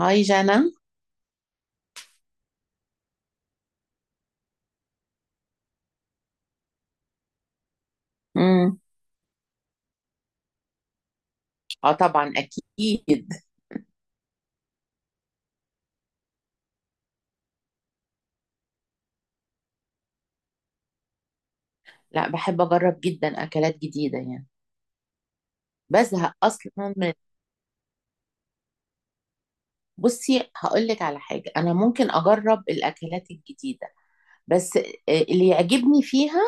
هاي جانا. امم اه، طبعا اكيد. لا، بحب اجرب جدا اكلات جديده يعني. بزهق اصلا من بصي، هقول لك على حاجه. انا ممكن اجرب الاكلات الجديده بس اللي يعجبني فيها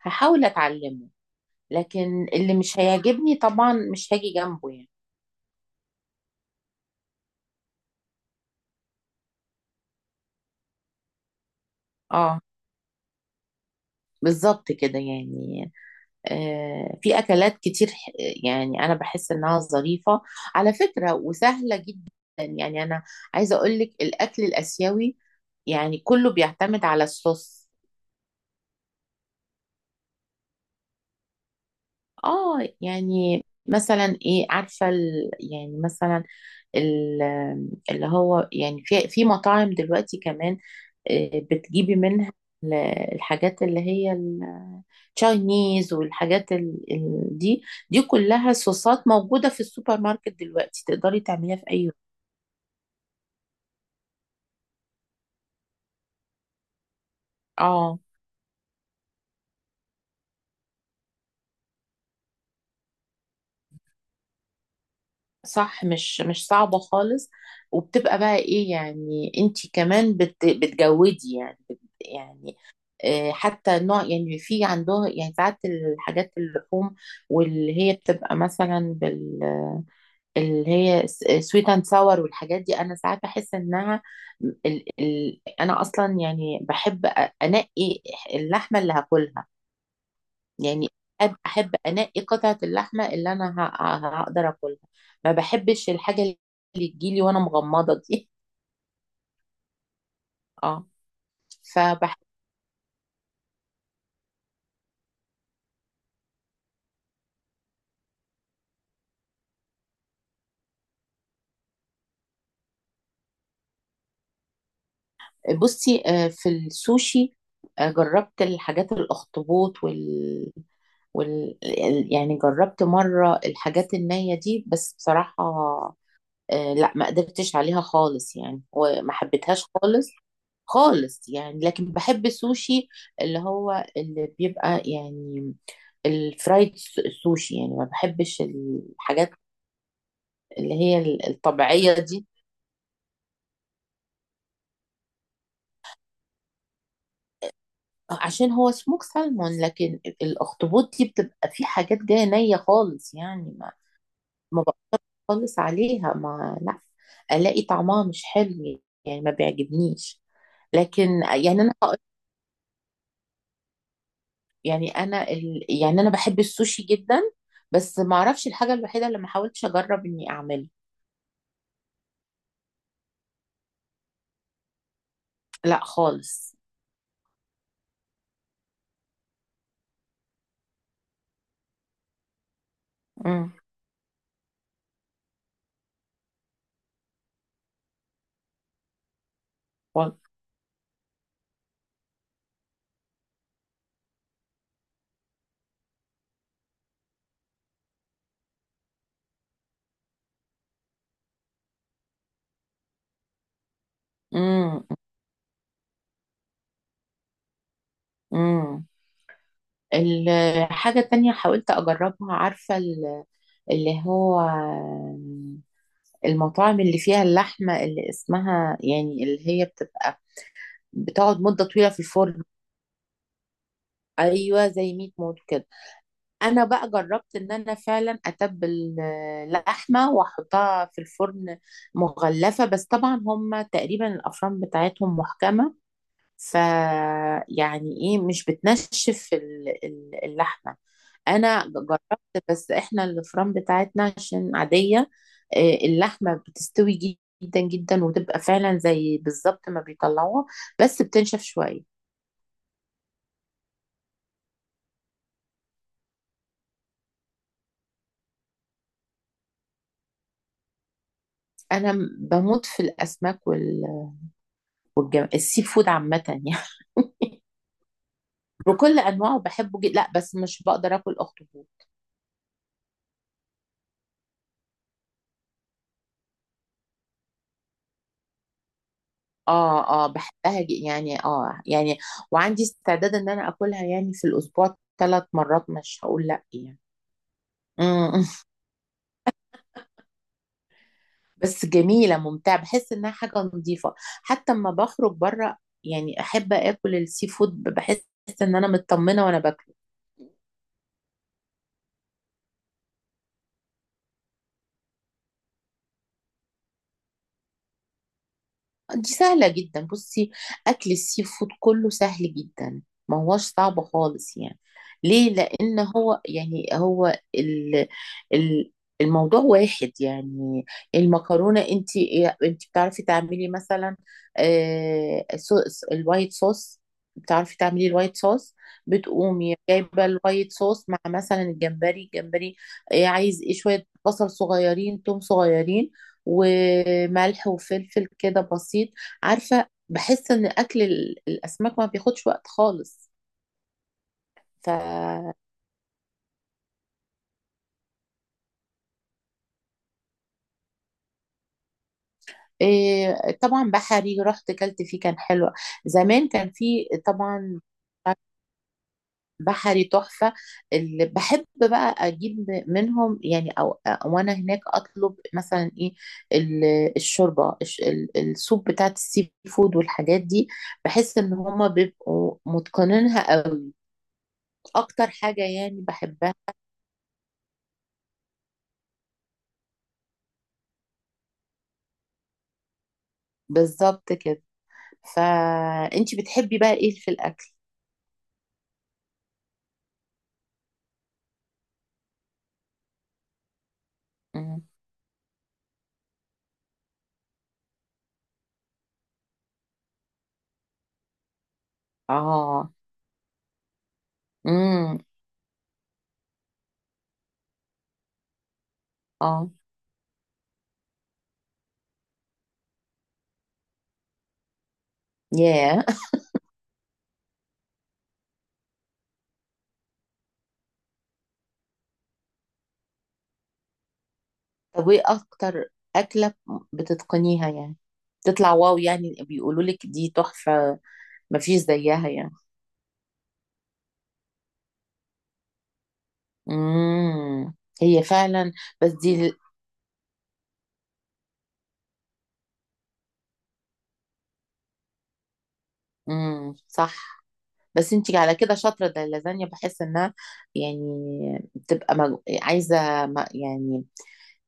هحاول اتعلمه، لكن اللي مش هيعجبني طبعا مش هاجي جنبه يعني. اه، بالظبط كده يعني. في اكلات كتير يعني انا بحس انها ظريفه على فكره وسهله جدا. يعني انا عايزه اقول لك الاكل الاسيوي يعني كله بيعتمد على الصوص. اه، يعني مثلا ايه؟ عارفه يعني مثلا ال... اللي هو يعني في مطاعم دلوقتي كمان بتجيبي منها ال- الحاجات اللي هي التشاينيز والحاجات دي. دي كلها صوصات موجوده في السوبر ماركت، دلوقتي تقدري تعمليها في اي. اه، صح. مش صعبة خالص. وبتبقى بقى ايه يعني؟ انتي كمان بتجودي يعني بت يعني حتى نوع يعني في عندها يعني ساعات الحاجات اللحوم، واللي هي بتبقى مثلا اللي هي سويت اند ساور. والحاجات دي انا ساعات بحس انها ال ال انا اصلا يعني بحب انقي اللحمه اللي هاكلها. يعني احب انقي قطعه اللحمه اللي انا هقدر اكلها. ما بحبش الحاجه اللي تجيلي وانا مغمضه دي. اه. فبح بصي، في السوشي. جربت الحاجات الاخطبوط يعني جربت مره الحاجات النيه دي، بس بصراحه لا، ما قدرتش عليها خالص يعني، وما حبيتهاش خالص. خالص يعني. لكن بحب السوشي اللي هو اللي بيبقى يعني الفرايد سوشي. يعني ما بحبش الحاجات اللي هي الطبيعية دي، عشان هو سموك سالمون. لكن الاخطبوط دي بتبقى في حاجات جاية نية خالص يعني، ما بخلص عليها، ما لا الاقي طعمها مش حلو يعني، ما بيعجبنيش. لكن يعني انا يعني انا يعني انا بحب السوشي جدا، بس ما اعرفش. الحاجة الوحيدة اللي ما حاولتش اجرب اني اعملها. لا خالص. امم. خالص. امم. امم. الحاجة التانية حاولت أجربها. عارفة اللي هو المطاعم اللي فيها اللحمة اللي اسمها يعني، اللي هي بتبقى بتقعد مدة طويلة في الفرن. أيوة، زي ميت موت كده. أنا بقى جربت إن أنا فعلا أتبل لحمة وأحطها في الفرن مغلفة، بس طبعا هم تقريبا الأفران بتاعتهم محكمة. ف يعني ايه، مش بتنشف اللحمه. انا جربت، بس احنا الفرن بتاعتنا عشان عاديه. اللحمه بتستوي جدا جدا، وتبقى فعلا زي بالظبط ما بيطلعوها، بس بتنشف شويه. انا بموت في الاسماك السي فود عامه يعني. بكل انواعه بحبه جدا. لا، بس مش بقدر اكل اخطبوط. اه اه، بحبها يعني، اه يعني، وعندي استعداد ان انا اكلها يعني في الاسبوع 3 مرات، مش هقول لا يعني. مم. بس جميله، ممتعه، بحس انها حاجه نظيفه. حتى اما بخرج بره يعني، احب اكل السي فود، بحس ان انا مطمنه وانا باكله. دي سهلة جدا. بصي، أكل السي فود كله سهل جدا. ما هوش صعب خالص يعني. ليه؟ لأن هو يعني ال ال الموضوع واحد يعني. المكرونة، انت بتعرفي تعملي مثلا آه، صو- الوايت صوص. بتعرفي تعملي الوايت صوص. بتقومي جايبة الوايت صوص مع مثلا الجمبري. الجمبري عايز ايه؟ شوية بصل صغيرين، توم صغيرين، وملح وفلفل، كده بسيط. عارفة؟ بحس ان اكل الاسماك ما بياخدش وقت خالص. ف إيه، طبعا بحري، رحت كلت فيه، كان حلو زمان، كان فيه طبعا. بحري تحفة. اللي بحب بقى اجيب منهم يعني، او وانا هناك اطلب مثلا ايه؟ الشوربة، السوب بتاعت السي فود والحاجات دي. بحس ان هما بيبقوا متقنينها قوي. اكتر حاجة يعني بحبها. بالظبط كده. فانتي بتحبي بقى ايه في الاكل؟ مم. اه. امم. اه. ياه. طب وايه اكتر اكله بتتقنيها يعني، تطلع واو، يعني بيقولوا لك دي تحفه، مفيش زيها يعني؟ امم. هي فعلا، بس دي. امم، صح. بس انتي على كده شاطره ده. اللازانيا بحس انها يعني بتبقى يعني،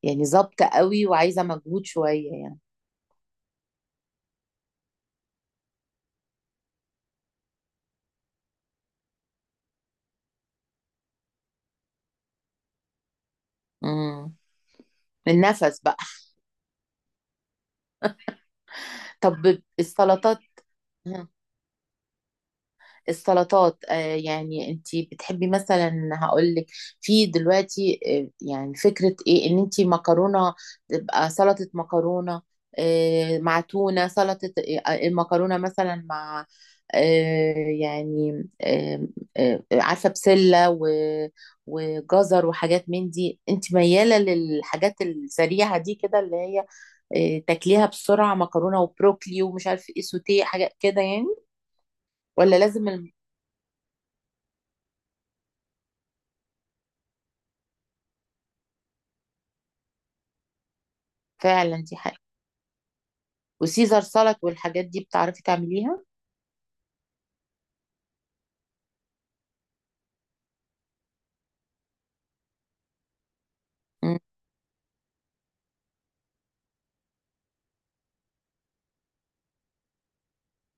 يعني ظابطه قوي، وعايزه مجهود شويه يعني. امم. النفس بقى. طب السلطات. مهم. السلطات، يعني انتي بتحبي مثلا؟ هقول لك، في دلوقتي يعني فكرة ايه؟ ان انتي مكرونة تبقى سلطة مكرونة، مع تونة، سلطة المكرونة مثلا مع آه يعني آه عارفة؟ بسلة وجزر وحاجات من دي. انت ميالة للحاجات السريعة دي كده؟ اللي هي تاكليها بسرعة، مكرونة وبروكلي ومش عارف ايه، سوتيه، حاجات كده يعني. ولا لازم الم... فعلا دي حاجة. وسيزر سالاد والحاجات دي بتعرفي تعمليها؟ مم،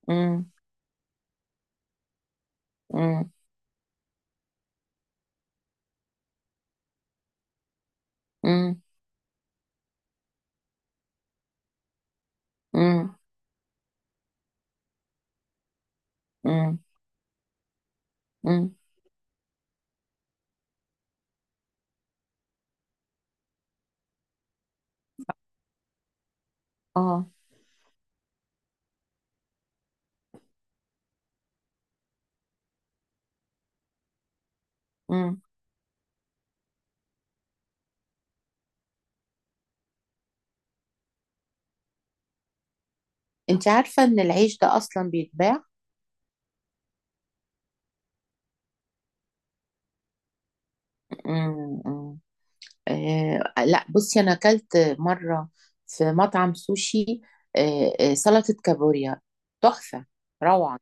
مم، مم، مم، مم، مم، مم، اه، مم. انت عارفة ان العيش ده اصلا بيتباع؟ مم، مم. لا، بصي انا اكلت مرة في مطعم سوشي. آه آه، سلطة كابوريا. تحفة. روعة.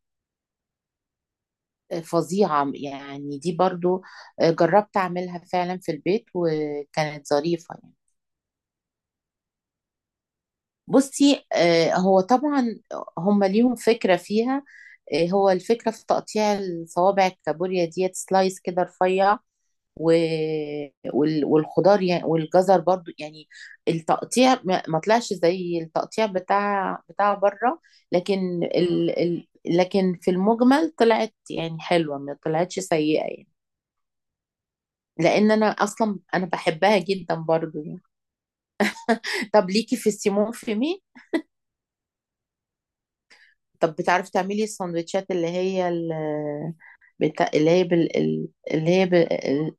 فظيعة يعني، دي برضو. جربت أعملها فعلا في البيت، وكانت ظريفة يعني. بصي، هو طبعا هم ليهم فكرة فيها. هو الفكرة في تقطيع الصوابع الكابوريا ديت سلايس كده رفيع و... والخضار يعني، والجزر برضو يعني، التقطيع ما طلعش زي التقطيع بتاع بره. لكن لكن في المجمل طلعت يعني حلوة، ما طلعتش سيئة يعني. لأن أنا أصلا بحبها جدا برضو يعني. طب ليكي في السيمون فيمي؟ طب بتعرفي تعملي السندوتشات اللي هي ال... بتا... اللي هي بال... ال-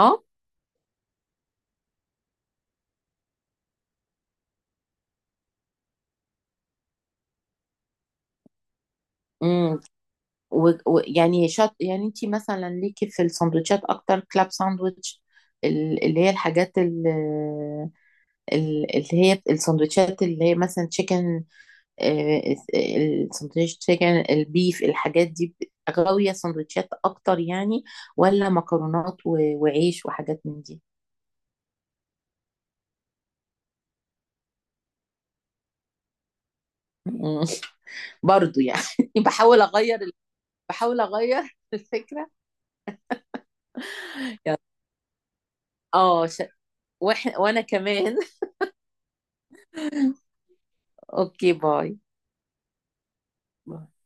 اه. امم. يعني يعني انت مثلا ليكي في السندوتشات اكتر؟ كلاب ساندوتش، اللي هي الحاجات اللي هي السندوتشات اللي هي مثلا تشيكن. السندوتش تشيكن، البيف، الحاجات دي، غاوية سندوتشات اكتر يعني؟ ولا مكرونات وعيش وحاجات من دي؟ مم. برضو يعني. بحاول اغير. بحاول اغير الفكره. اه. ش... واحنا وانا كمان. اوكي، باي. باي.